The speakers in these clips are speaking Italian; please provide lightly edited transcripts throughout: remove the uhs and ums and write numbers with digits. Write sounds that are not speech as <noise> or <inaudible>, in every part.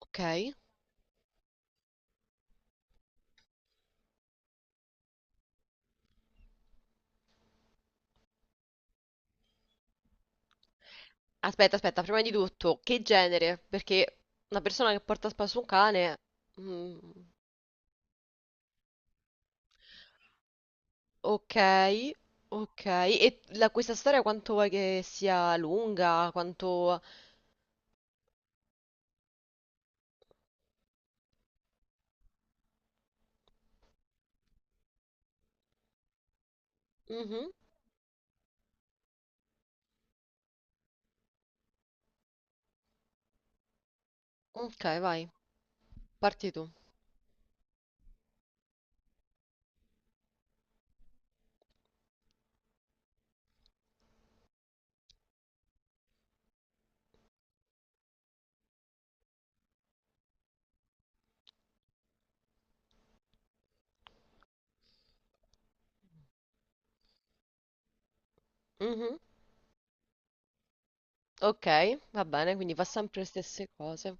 Ok. Aspetta, aspetta, prima di tutto, che genere? Perché una persona che porta a spasso un cane... mm, ok, ok. E questa storia quanto vuoi che sia lunga? Quanto... Mhm. Ok, vai, parti tu. Mhm. Ok, va bene, quindi fa sempre le stesse cose.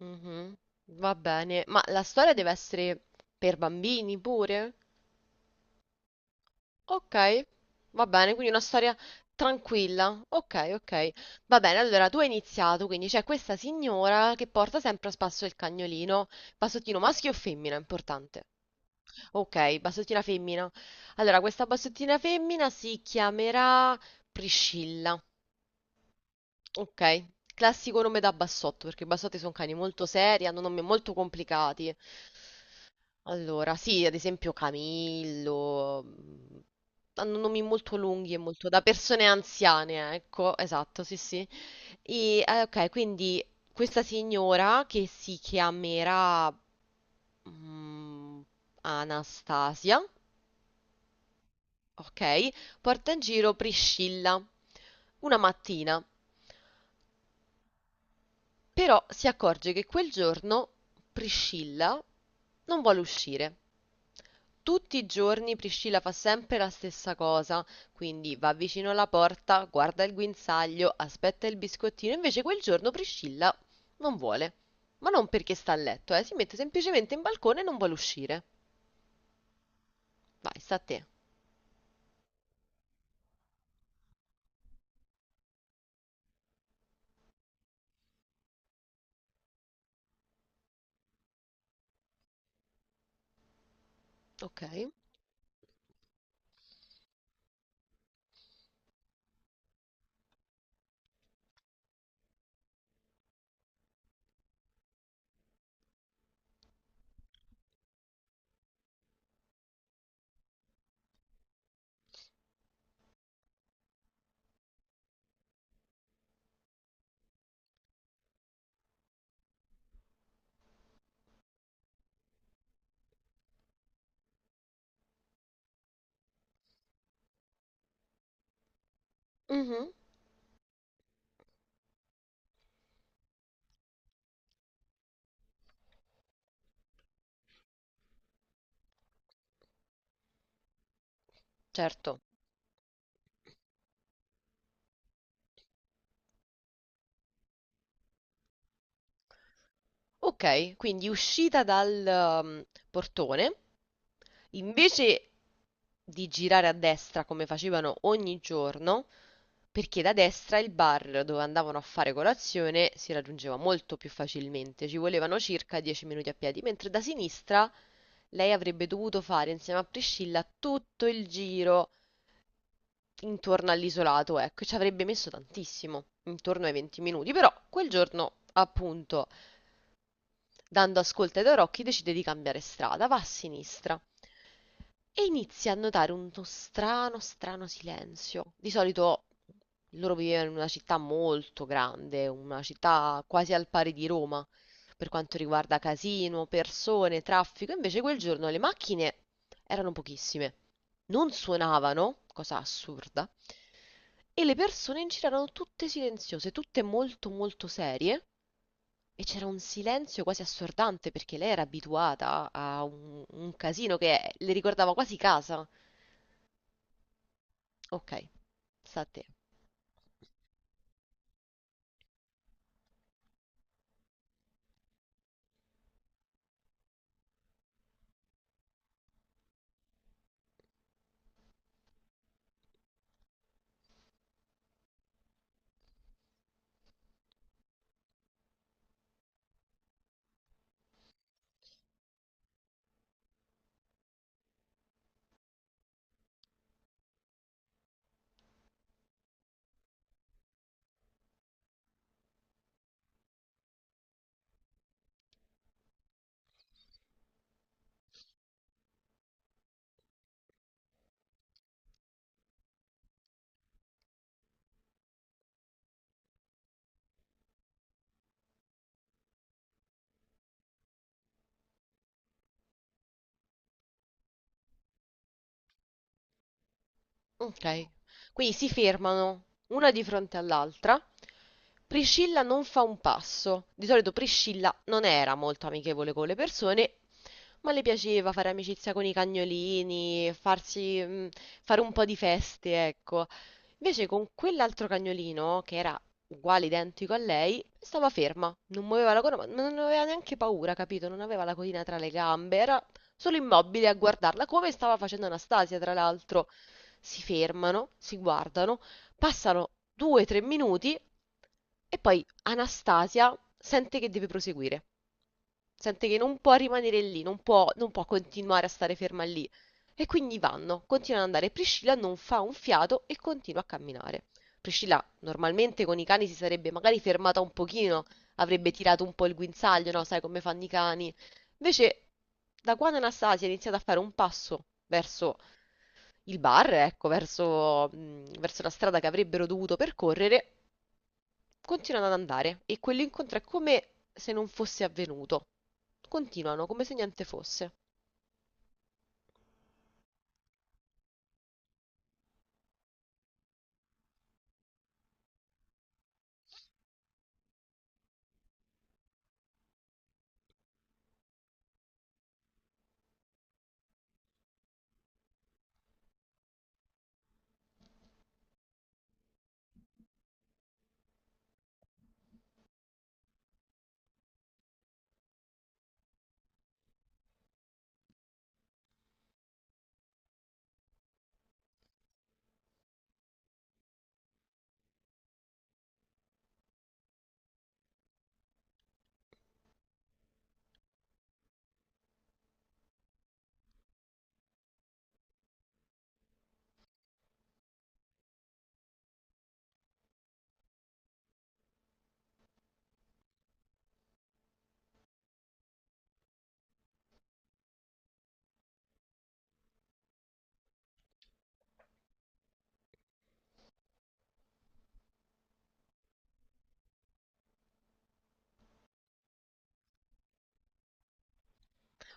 Mhm. Va bene, ma la storia deve essere per bambini pure? Ok, va bene, quindi una storia tranquilla. Ok, ok. Va bene, allora tu hai iniziato, quindi c'è questa signora che porta sempre a spasso il cagnolino. Bassottino maschio o femmina? Importante. Ok, bassottina femmina. Allora, questa bassottina femmina si chiamerà Priscilla. Ok, classico nome da bassotto, perché i bassotti sono cani molto seri, hanno nomi molto complicati. Allora, sì, ad esempio Camillo, hanno nomi molto lunghi e molto da persone anziane, ecco, esatto, sì, sì. Ok, quindi questa signora che si chiamerà mm, Anastasia, ok, porta in giro Priscilla una mattina, però si accorge che quel giorno Priscilla non vuole uscire. Tutti i giorni Priscilla fa sempre la stessa cosa, quindi va vicino alla porta, guarda il guinzaglio, aspetta il biscottino, invece quel giorno Priscilla non vuole. Ma non perché sta a letto, si mette semplicemente in balcone e non vuole uscire. Vai, sta a te. Ok. Mhm, certo. Ok, quindi uscita dal um, portone, invece di girare a destra come facevano ogni giorno, perché da destra il bar dove andavano a fare colazione si raggiungeva molto più facilmente, ci volevano circa 10 minuti a piedi, mentre da sinistra lei avrebbe dovuto fare insieme a Priscilla tutto il giro intorno all'isolato, ecco, e ci avrebbe messo tantissimo, intorno ai 20 minuti. Però quel giorno, appunto, dando ascolto ai Dorocchi, decide di cambiare strada, va a sinistra. E inizia a notare uno strano, strano silenzio. Di solito loro vivevano in una città molto grande, una città quasi al pari di Roma, per quanto riguarda casino, persone, traffico. Invece quel giorno le macchine erano pochissime, non suonavano, cosa assurda, e le persone in giro erano tutte silenziose, tutte molto molto serie, e c'era un silenzio quasi assordante perché lei era abituata a un casino che le ricordava quasi casa. Ok, sta a te. Ok. Quindi si fermano una di fronte all'altra. Priscilla non fa un passo. Di solito Priscilla non era molto amichevole con le persone. Ma le piaceva fare amicizia con i cagnolini, farsi, fare un po' di feste, ecco. Invece con quell'altro cagnolino, che era uguale, identico a lei, stava ferma, non muoveva la coda, ma non aveva neanche paura, capito? Non aveva la codina tra le gambe, era solo immobile a guardarla, come stava facendo Anastasia, tra l'altro. Si fermano, si guardano, passano 2-3 minuti e poi Anastasia sente che deve proseguire. Sente che non può rimanere lì, non può, non può continuare a stare ferma lì. E quindi vanno, continuano ad andare. Priscilla non fa un fiato e continua a camminare. Priscilla normalmente con i cani si sarebbe magari fermata un pochino, avrebbe tirato un po' il guinzaglio, no? Sai come fanno i cani. Invece, da quando Anastasia ha iniziato a fare un passo verso il bar, ecco, verso la strada che avrebbero dovuto percorrere, continuano ad andare e quell'incontro è come se non fosse avvenuto. Continuano come se niente fosse.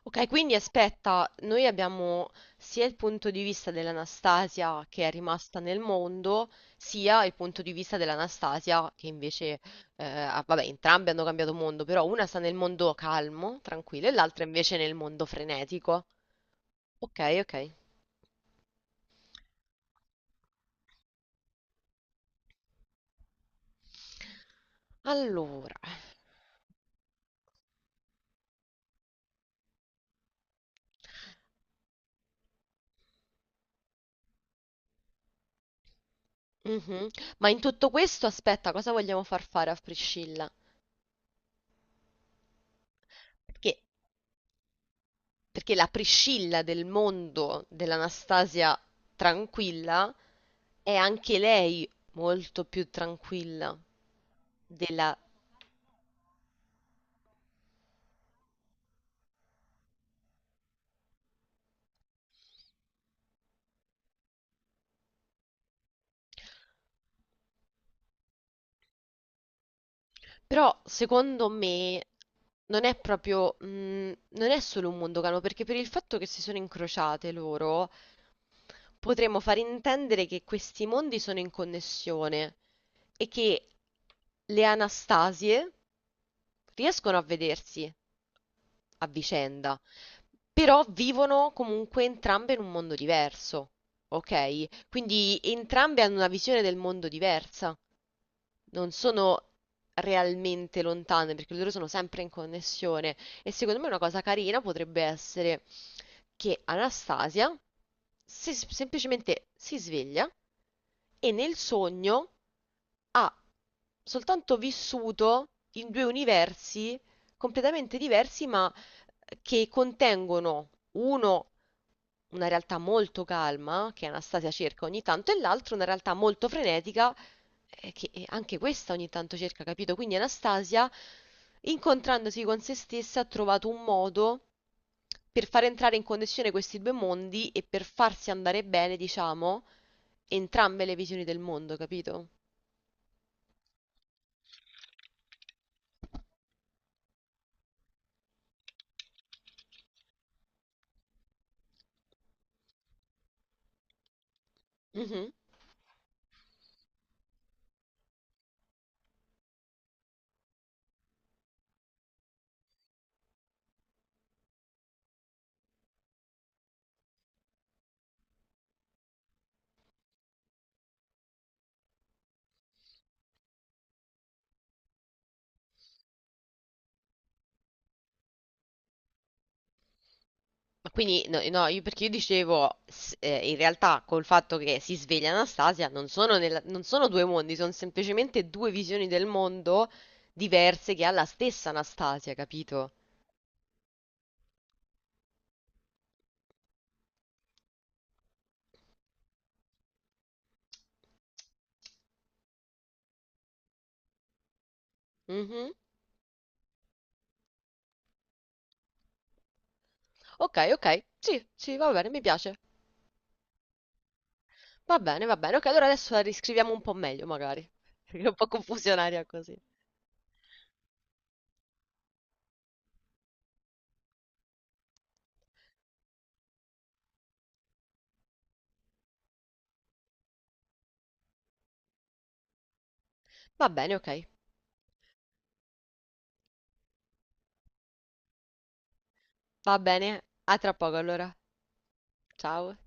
Ok, quindi aspetta, noi abbiamo sia il punto di vista dell'Anastasia che è rimasta nel mondo, sia il punto di vista dell'Anastasia che invece, vabbè, entrambe hanno cambiato mondo, però una sta nel mondo calmo, tranquillo, e l'altra invece nel mondo frenetico. Ok, ok. Allora, mhm. Ma in tutto questo, aspetta, cosa vogliamo far fare a Priscilla? Perché, perché la Priscilla del mondo dell'Anastasia tranquilla è anche lei molto più tranquilla della... Però, secondo me, non è proprio, non è solo un mondo cano, perché per il fatto che si sono incrociate loro, potremmo far intendere che questi mondi sono in connessione e che le Anastasie riescono a vedersi a vicenda, però vivono comunque entrambe in un mondo diverso, ok? Quindi entrambe hanno una visione del mondo diversa, non sono realmente lontane perché loro sono sempre in connessione e secondo me una cosa carina potrebbe essere che Anastasia semplicemente si sveglia e nel sogno ha soltanto vissuto in due universi completamente diversi, ma che contengono uno una realtà molto calma, che Anastasia cerca ogni tanto, e l'altro una realtà molto frenetica, che anche questa ogni tanto cerca, capito? Quindi Anastasia, incontrandosi con se stessa, ha trovato un modo per far entrare in connessione questi due mondi e per farsi andare bene, diciamo, entrambe le visioni del mondo, capito? Mhm. Ma quindi, no, no, io perché io dicevo, in realtà col fatto che si sveglia Anastasia, non sono, non sono due mondi, sono semplicemente due visioni del mondo diverse che ha la stessa Anastasia, capito? Mhm. Ok, ok, sì, sì, va bene, mi piace. Va bene, ok, allora adesso la riscriviamo un po' meglio magari, <laughs> perché è un po' confusionaria così. Va bene, ok, va bene, a tra poco allora. Ciao.